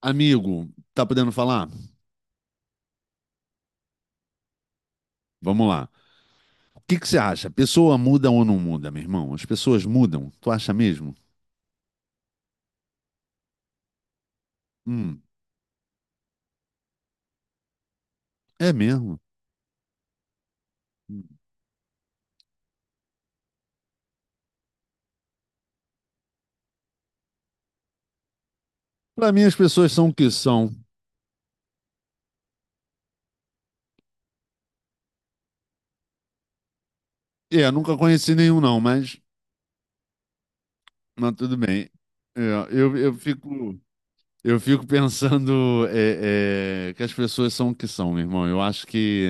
Amigo, tá podendo falar? Vamos lá. O que que você acha? Pessoa muda ou não muda, meu irmão? As pessoas mudam? Tu acha mesmo? Hum, é mesmo? Hum. Pra mim, as pessoas são o que são. É, nunca conheci nenhum, não, mas tudo bem. É, eu fico, eu fico pensando que as pessoas são o que são, meu irmão. Eu acho que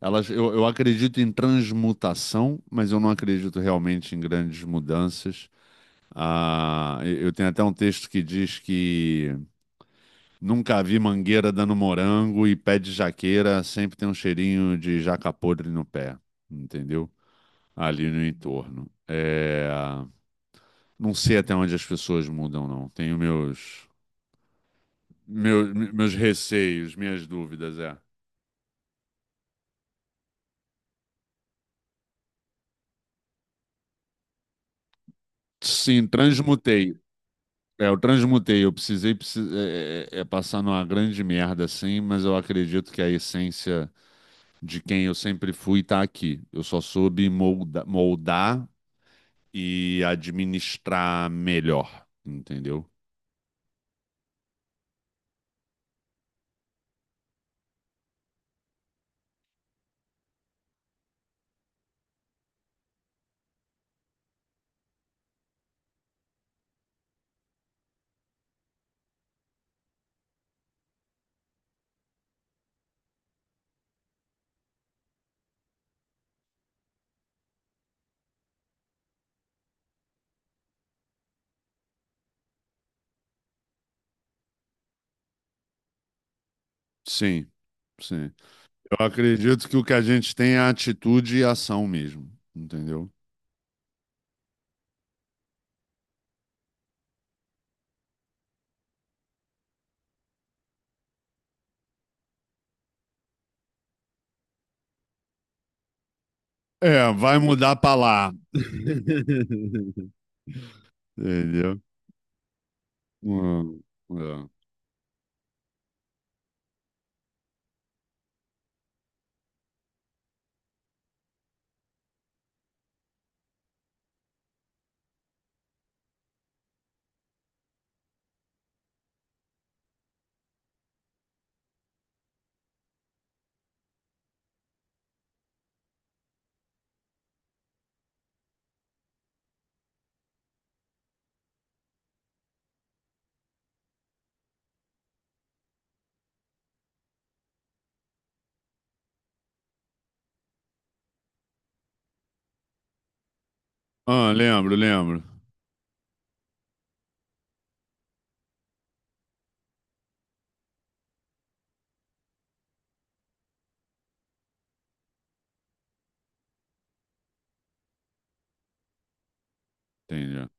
elas, eu acredito em transmutação, mas eu não acredito realmente em grandes mudanças. Ah, eu tenho até um texto que diz que nunca vi mangueira dando morango e pé de jaqueira sempre tem um cheirinho de jaca podre no pé, entendeu? Ali no entorno. É, não sei até onde as pessoas mudam, não. Tenho meus, meus receios, minhas dúvidas, é. Sim, transmutei. É, eu transmutei. Eu precisei, é passar numa grande merda, assim, mas eu acredito que a essência de quem eu sempre fui está aqui. Eu só soube moldar e administrar melhor, entendeu? Sim, sim. Eu acredito que o que a gente tem é atitude e ação mesmo, entendeu? É, vai mudar para lá. Entendeu? Hum, é. Ah, lembro, lembro. Entendi.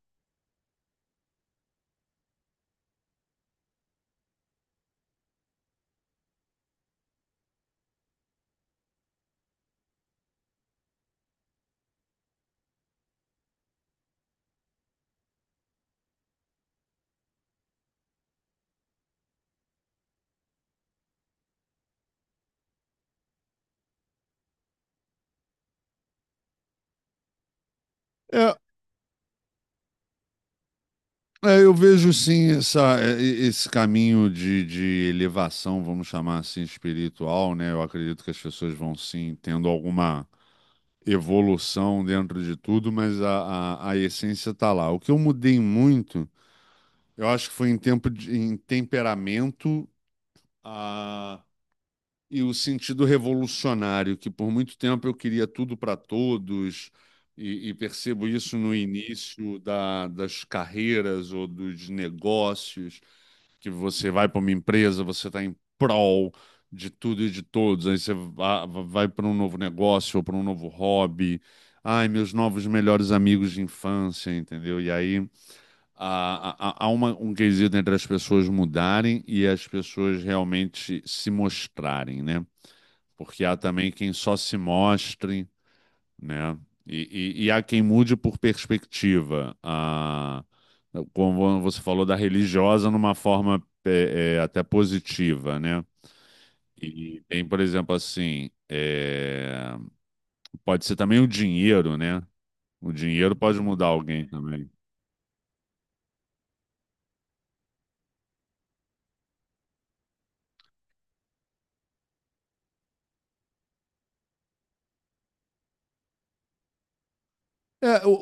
É, é, eu vejo sim essa, esse caminho de elevação, vamos chamar assim, espiritual, né? Eu acredito que as pessoas vão sim tendo alguma evolução dentro de tudo, mas a essência tá lá. O que eu mudei muito, eu acho que foi em tempo de, em temperamento a, e o sentido revolucionário, que por muito tempo eu queria tudo para todos. E percebo isso no início da, das carreiras ou dos negócios que você vai para uma empresa, você está em prol de tudo e de todos, aí você vai para um novo negócio ou para um novo hobby. Ai, meus novos melhores amigos de infância, entendeu? E aí há, há um quesito entre as pessoas mudarem e as pessoas realmente se mostrarem, né? Porque há também quem só se mostra, né? E há quem mude por perspectiva. A, como você falou da religiosa numa forma é, é, até positiva, né? E tem, por exemplo, assim, é, pode ser também o dinheiro, né? O dinheiro pode mudar alguém também. É, o,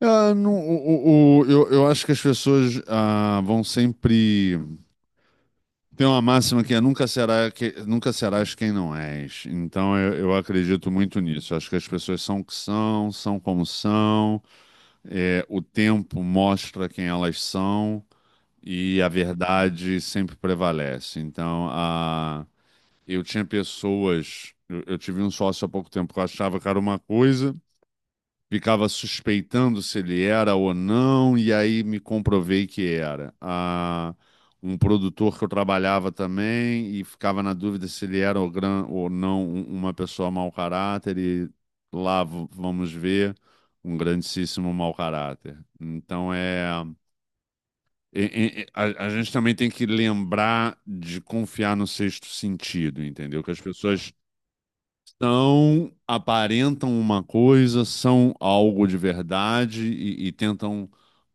é, não, o, eu acho que as pessoas ah, vão sempre. Tem uma máxima que é nunca será que, nunca serás quem não és. Então eu acredito muito nisso. Eu acho que as pessoas são o que são, são como são. É, o tempo mostra quem elas são e a verdade sempre prevalece. Então a, eu tinha pessoas, eu tive um sócio há pouco tempo que eu achava que era uma coisa, ficava suspeitando se ele era ou não, e aí me comprovei que era. Ah, um produtor que eu trabalhava também e ficava na dúvida se ele era ou, gran, ou não uma pessoa mau caráter, e lá vamos ver um grandíssimo mau caráter. Então é. A gente também tem que lembrar de confiar no sexto sentido, entendeu? Que as pessoas são, aparentam uma coisa, são algo de verdade e tentam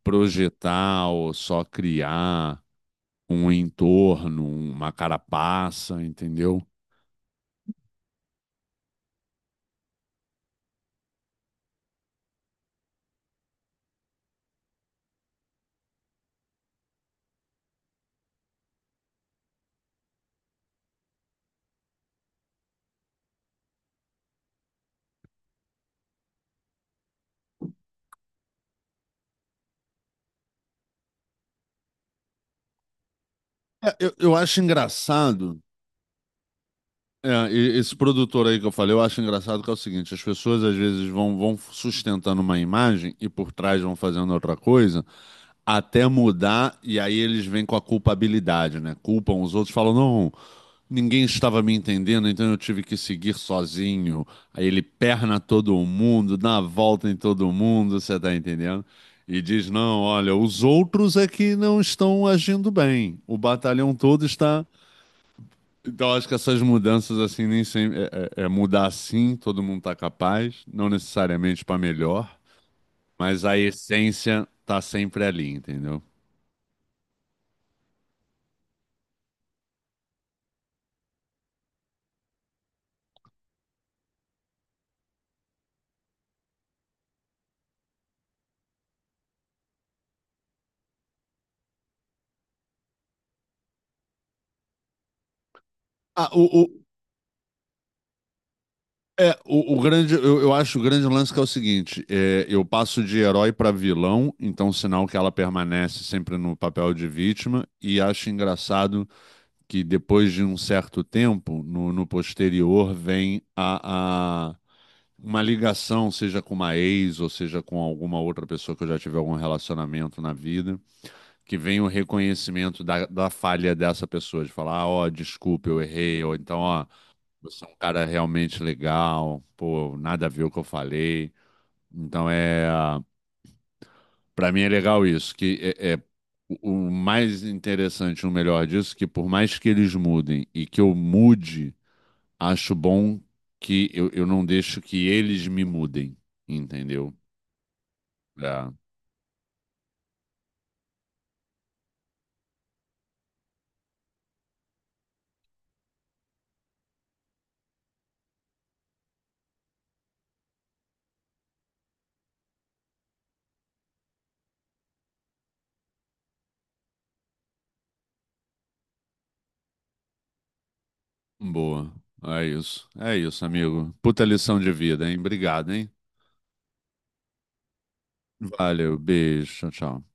projetar ou só criar um entorno, uma carapaça, entendeu? É, eu acho engraçado, esse produtor aí que eu falei, eu acho engraçado que é o seguinte, as pessoas às vezes vão, vão sustentando uma imagem e por trás vão fazendo outra coisa, até mudar, e aí eles vêm com a culpabilidade, né? Culpam os outros, falam, não, ninguém estava me entendendo, então eu tive que seguir sozinho. Aí ele perna todo mundo, dá a volta em todo mundo, você tá entendendo? E diz, não, olha, os outros é que não estão agindo bem. O batalhão todo está. Então, acho que essas mudanças, assim, nem sempre. É, é mudar assim, todo mundo tá capaz, não necessariamente para melhor, mas a essência tá sempre ali, entendeu? Ah, o, é, o grande, eu acho o grande lance que é o seguinte: é, eu passo de herói para vilão, então sinal que ela permanece sempre no papel de vítima, e acho engraçado que depois de um certo tempo, no, no posterior, vem a, uma ligação, seja com uma ex, ou seja com alguma outra pessoa que eu já tive algum relacionamento na vida, que vem o reconhecimento da, da falha dessa pessoa, de falar, ah, ó, desculpa, eu errei, ou então, ó, você é um cara realmente legal, pô, nada a ver o que eu falei. Então é, para mim é legal isso, que é, é o mais interessante, o melhor disso, que por mais que eles mudem e que eu mude, acho bom que eu não deixo que eles me mudem, entendeu? É, boa. É isso. É isso, amigo. Puta lição de vida, hein? Obrigado, hein? Valeu, beijo, tchau, tchau.